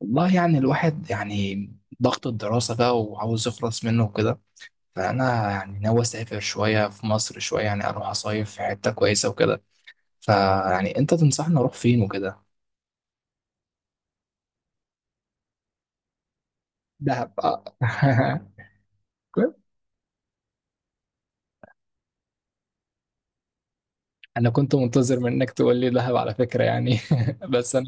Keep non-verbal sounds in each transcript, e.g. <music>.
والله يعني الواحد يعني ضغط الدراسة بقى وعاوز يخلص منه وكده، فأنا يعني ناوي أسافر شوية في مصر، شوية يعني أروح أصيف في حتة كويسة وكده. فيعني أنت تنصحني أروح فين وكده؟ دهب آه. <laughs> أنا كنت منتظر منك تقول لي دهب على فكرة يعني <laughs> بس أنا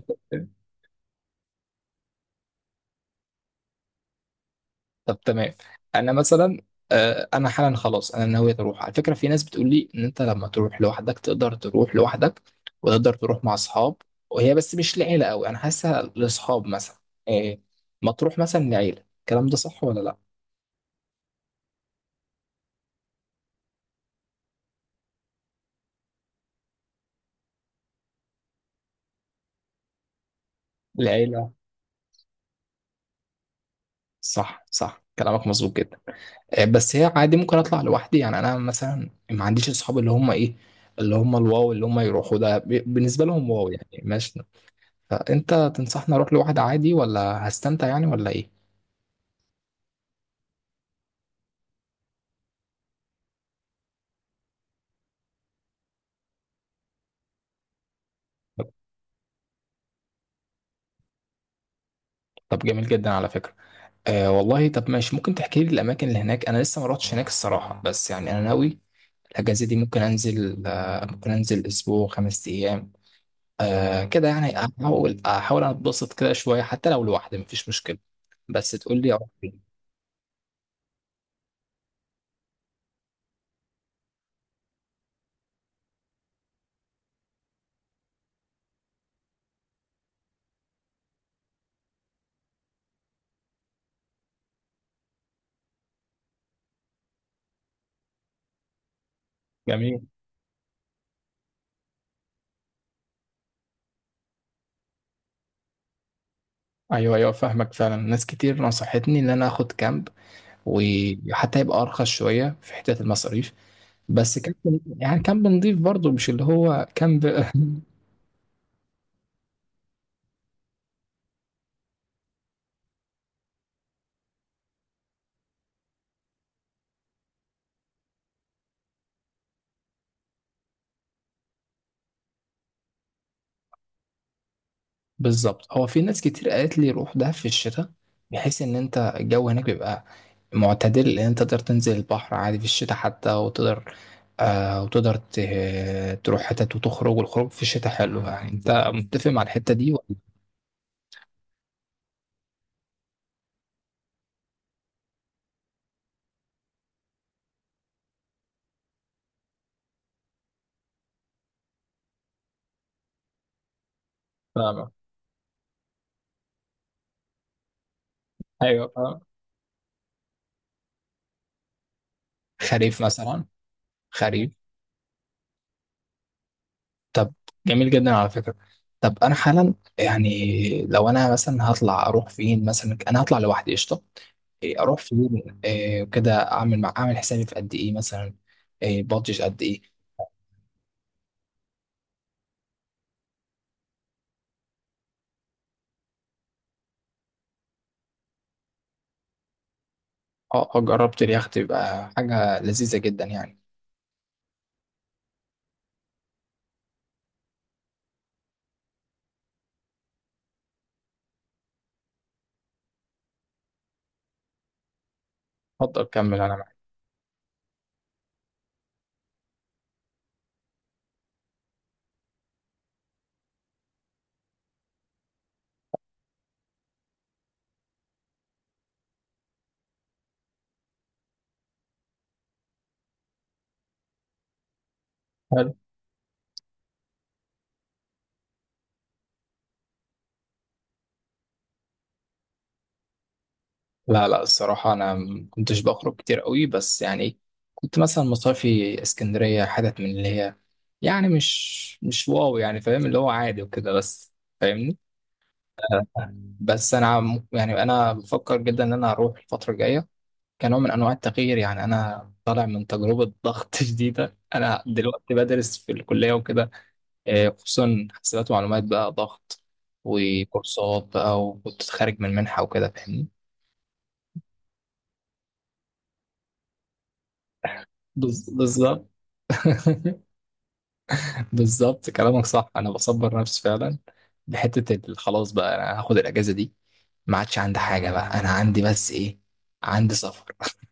طب تمام، انا مثلا. آه، انا حالا خلاص انا ناوي اروح على فكره. في ناس بتقول لي ان انت لما تروح لوحدك تقدر تروح لوحدك، وتقدر تروح مع اصحاب. وهي بس مش لعيله قوي، انا حاسسها لاصحاب مثلا. إيه، ما تروح مثلا لعيله، الكلام ده صح ولا لا؟ العيله. صح صح كلامك مظبوط جدا. إيه، بس هي عادي ممكن اطلع لوحدي يعني، انا مثلا ما عنديش اصحاب اللي هم ايه، اللي هم الواو، اللي هم يروحوا ده بالنسبه لهم واو يعني ماشي. فانت تنصحني اروح لوحدي عادي ولا هستمتع يعني ولا ايه؟ طب طب جميل جدا على فكرة. آه والله طب ماشي، ممكن تحكي لي الأماكن اللي هناك؟ أنا لسه ما رحتش هناك الصراحة، بس يعني أنا ناوي. الأجازة دي ممكن أنزل أسبوع، 5 أيام. آه كده يعني أحاول أتبسط كده شوية حتى لو لوحدي مفيش مشكلة، بس تقول لي أروح فين. جميل. أيوه أيوه فاهمك فعلا، ناس كتير نصحتني إن أنا آخد كامب، وحتى يبقى أرخص شوية في حتة المصاريف. بس كامب يعني كامب نضيف برضه، مش اللي هو كامب. <laughs> بالظبط، هو في ناس كتير قالت لي روح دهب في الشتاء، بحيث ان انت الجو هناك بيبقى معتدل، ان انت تقدر تنزل البحر عادي في الشتاء حتى، وتقدر تروح حتت وتخرج، والخروج في الشتاء حلو يعني. انت متفق مع الحتة دي ولا؟ فاهمة؟ ايوه فاهم. خريف مثلا. خريف. طب جميل جدا على فكرة. طب انا حالا يعني لو انا مثلا هطلع اروح فين مثلا، انا هطلع لوحدي قشطة. إيه، اروح فين؟ إيه، وكده اعمل حسابي في قد ايه مثلا؟ إيه، بادجت قد ايه؟ اه آه، جربت اليخت يبقى حاجة لذيذة جدا يعني. اتفضل كمل انا معاك. حلو. لا لا الصراحة انا ما كنتش بخرج كتير قوي، بس يعني كنت مثلا مصيفي اسكندرية حتت من اللي هي، يعني مش واو يعني فاهم، اللي هو عادي وكده بس فاهمني. بس انا يعني انا بفكر جدا ان انا اروح الفتره الجايه، كنوع من انواع التغيير. يعني انا طالع من تجربه ضغط <laughs> شديده. انا دلوقتي بدرس في الكليه وكده، خصوصا حسابات ومعلومات بقى ضغط وكورسات بقى، وكنت خارج من منحه وكده فاهمني. بالظبط. <laughs> بالظبط كلامك صح، انا بصبر نفسي فعلا بحته خلاص بقى، انا هاخد الاجازه دي. ما عادش عندي حاجه بقى، انا عندي بس ايه؟ عندي سفر. <laughs>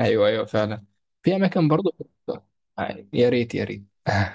ايوه ايوه فعلا. في اماكن برضو. آه، يا ريت يا ريت. <laughs>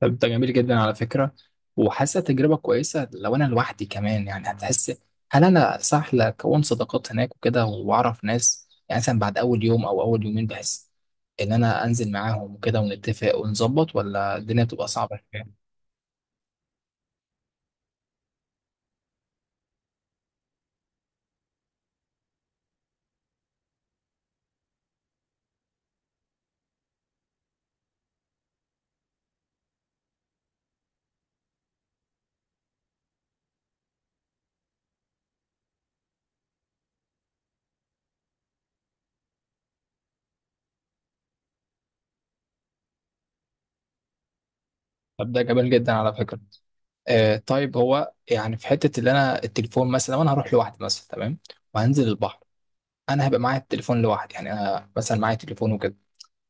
طب ده جميل جدا على فكره، وحاسه تجربه كويسه. لو انا لوحدي كمان يعني هتحس؟ هل انا صح لكون صداقات هناك وكده واعرف ناس يعني، مثلا بعد اول يوم او اول يومين بحس ان انا انزل معاهم وكده ونتفق ونظبط، ولا الدنيا بتبقى صعبه شوية؟ طب ده جميل جدا على فكره. آه طيب هو يعني في حته اللي انا التليفون مثلا، لو انا هروح لوحدي مثلا تمام، وهنزل البحر، انا هبقى معايا التليفون لوحدي يعني. انا مثلا معايا تليفون وكده،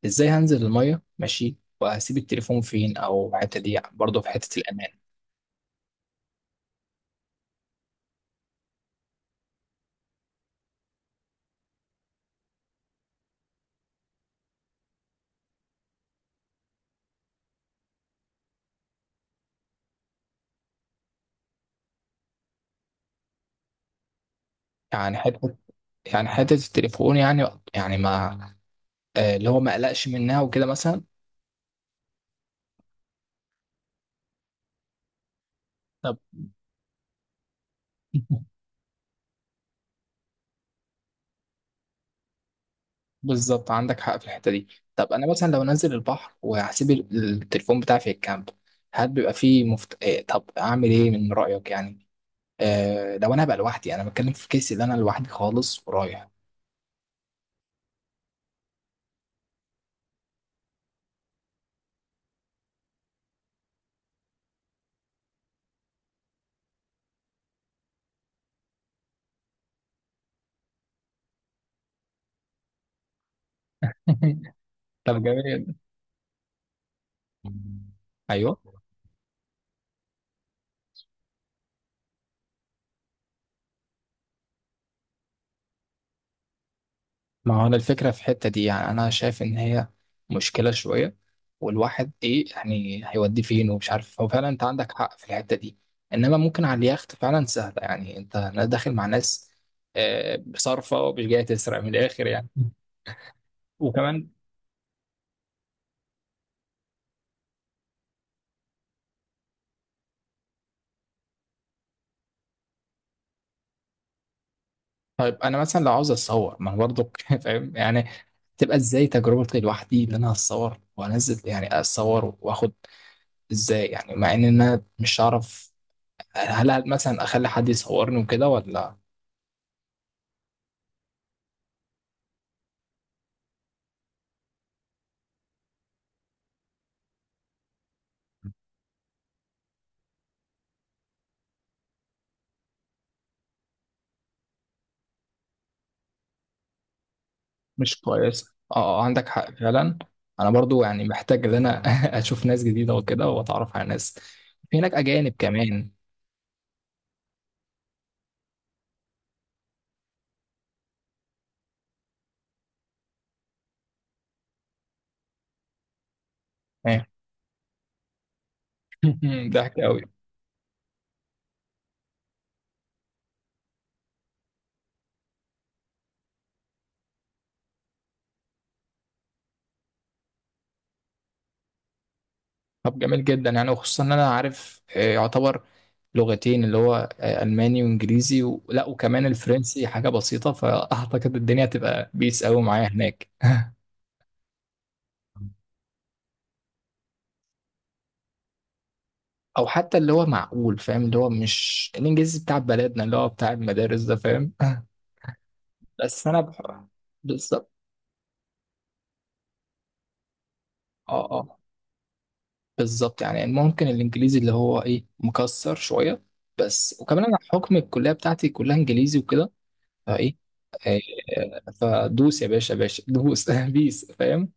ازاي هنزل الميه ماشي؟ وهسيب التليفون فين؟ او الحته دي برضه في حته الامان؟ يعني حته، يعني حته التليفون يعني ما اللي هو ما قلقش منها وكده مثلا. طب. <laughs> بالظبط عندك حق في الحته دي. طب انا مثلا لو نزل البحر وهسيب التليفون بتاعي في الكامب، هل بيبقى فيه مفت... آه، طب اعمل ايه من رايك يعني؟ لو انا هبقى لوحدي انا بتكلم في كيسي اللي انا لوحدي خالص ورايح. <laughs> طب جميل. ايوه ما هو انا الفكره في الحته دي يعني، انا شايف ان هي مشكله شويه، والواحد ايه؟ يعني هيوديه فين ومش عارف. هو فعلا انت عندك حق في الحته دي، انما ممكن على اليخت فعلا سهله يعني، انت داخل مع ناس صارفه ومش جايه تسرق من الاخر يعني. وكمان. طيب انا مثلا لو عاوز اتصور، ما انا برضو <laughs> فاهم يعني، تبقى ازاي تجربتي لوحدي ان انا اتصور وانزل يعني؟ اتصور واخد ازاي يعني؟ مع ان انا مش هعرف. هل مثلا اخلي حد يصورني وكده ولا مش كويس؟ اه آه، عندك حق فعلا. انا برضو يعني محتاج ان انا <laughs> اشوف ناس جديده وكده واتعرف على ناس، في هناك اجانب كمان. إيه. <laughs> ضحك قوي. طب جميل جدا يعني، وخصوصا ان انا عارف يعتبر لغتين اللي هو الماني وانجليزي و... لا وكمان الفرنسي حاجه بسيطه. فاعتقد الدنيا هتبقى بيس قوي معايا هناك. <laughs> او حتى اللي هو معقول فاهم، اللي هو مش الانجليزي بتاع بلدنا اللي هو بتاع المدارس ده فاهم. بس انا بالظبط. اه اه بالظبط، يعني ممكن الانجليزي اللي هو ايه مكسر شويه، بس وكمان انا حكم الكليه بتاعتي كلها انجليزي وكده فايه. آه، آه، فدوس يا باشا باشا دوس. <laughs> بيس فاهم.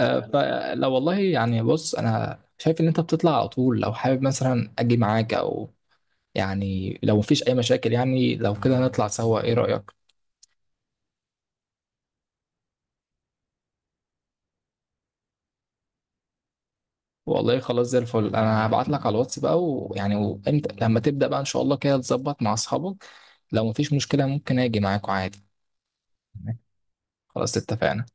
آه، فلو والله يعني بص، انا شايف ان انت بتطلع على طول، لو حابب مثلا اجي معاك او يعني لو مفيش اي مشاكل يعني، لو كده نطلع سوا، ايه رايك؟ والله خلاص زي الفل، انا هبعت لك على الواتس بقى ويعني وامتى لما تبدا بقى ان شاء الله كده تظبط مع اصحابك. لو مفيش مشكله ممكن اجي معاكوا عادي. خلاص اتفقنا.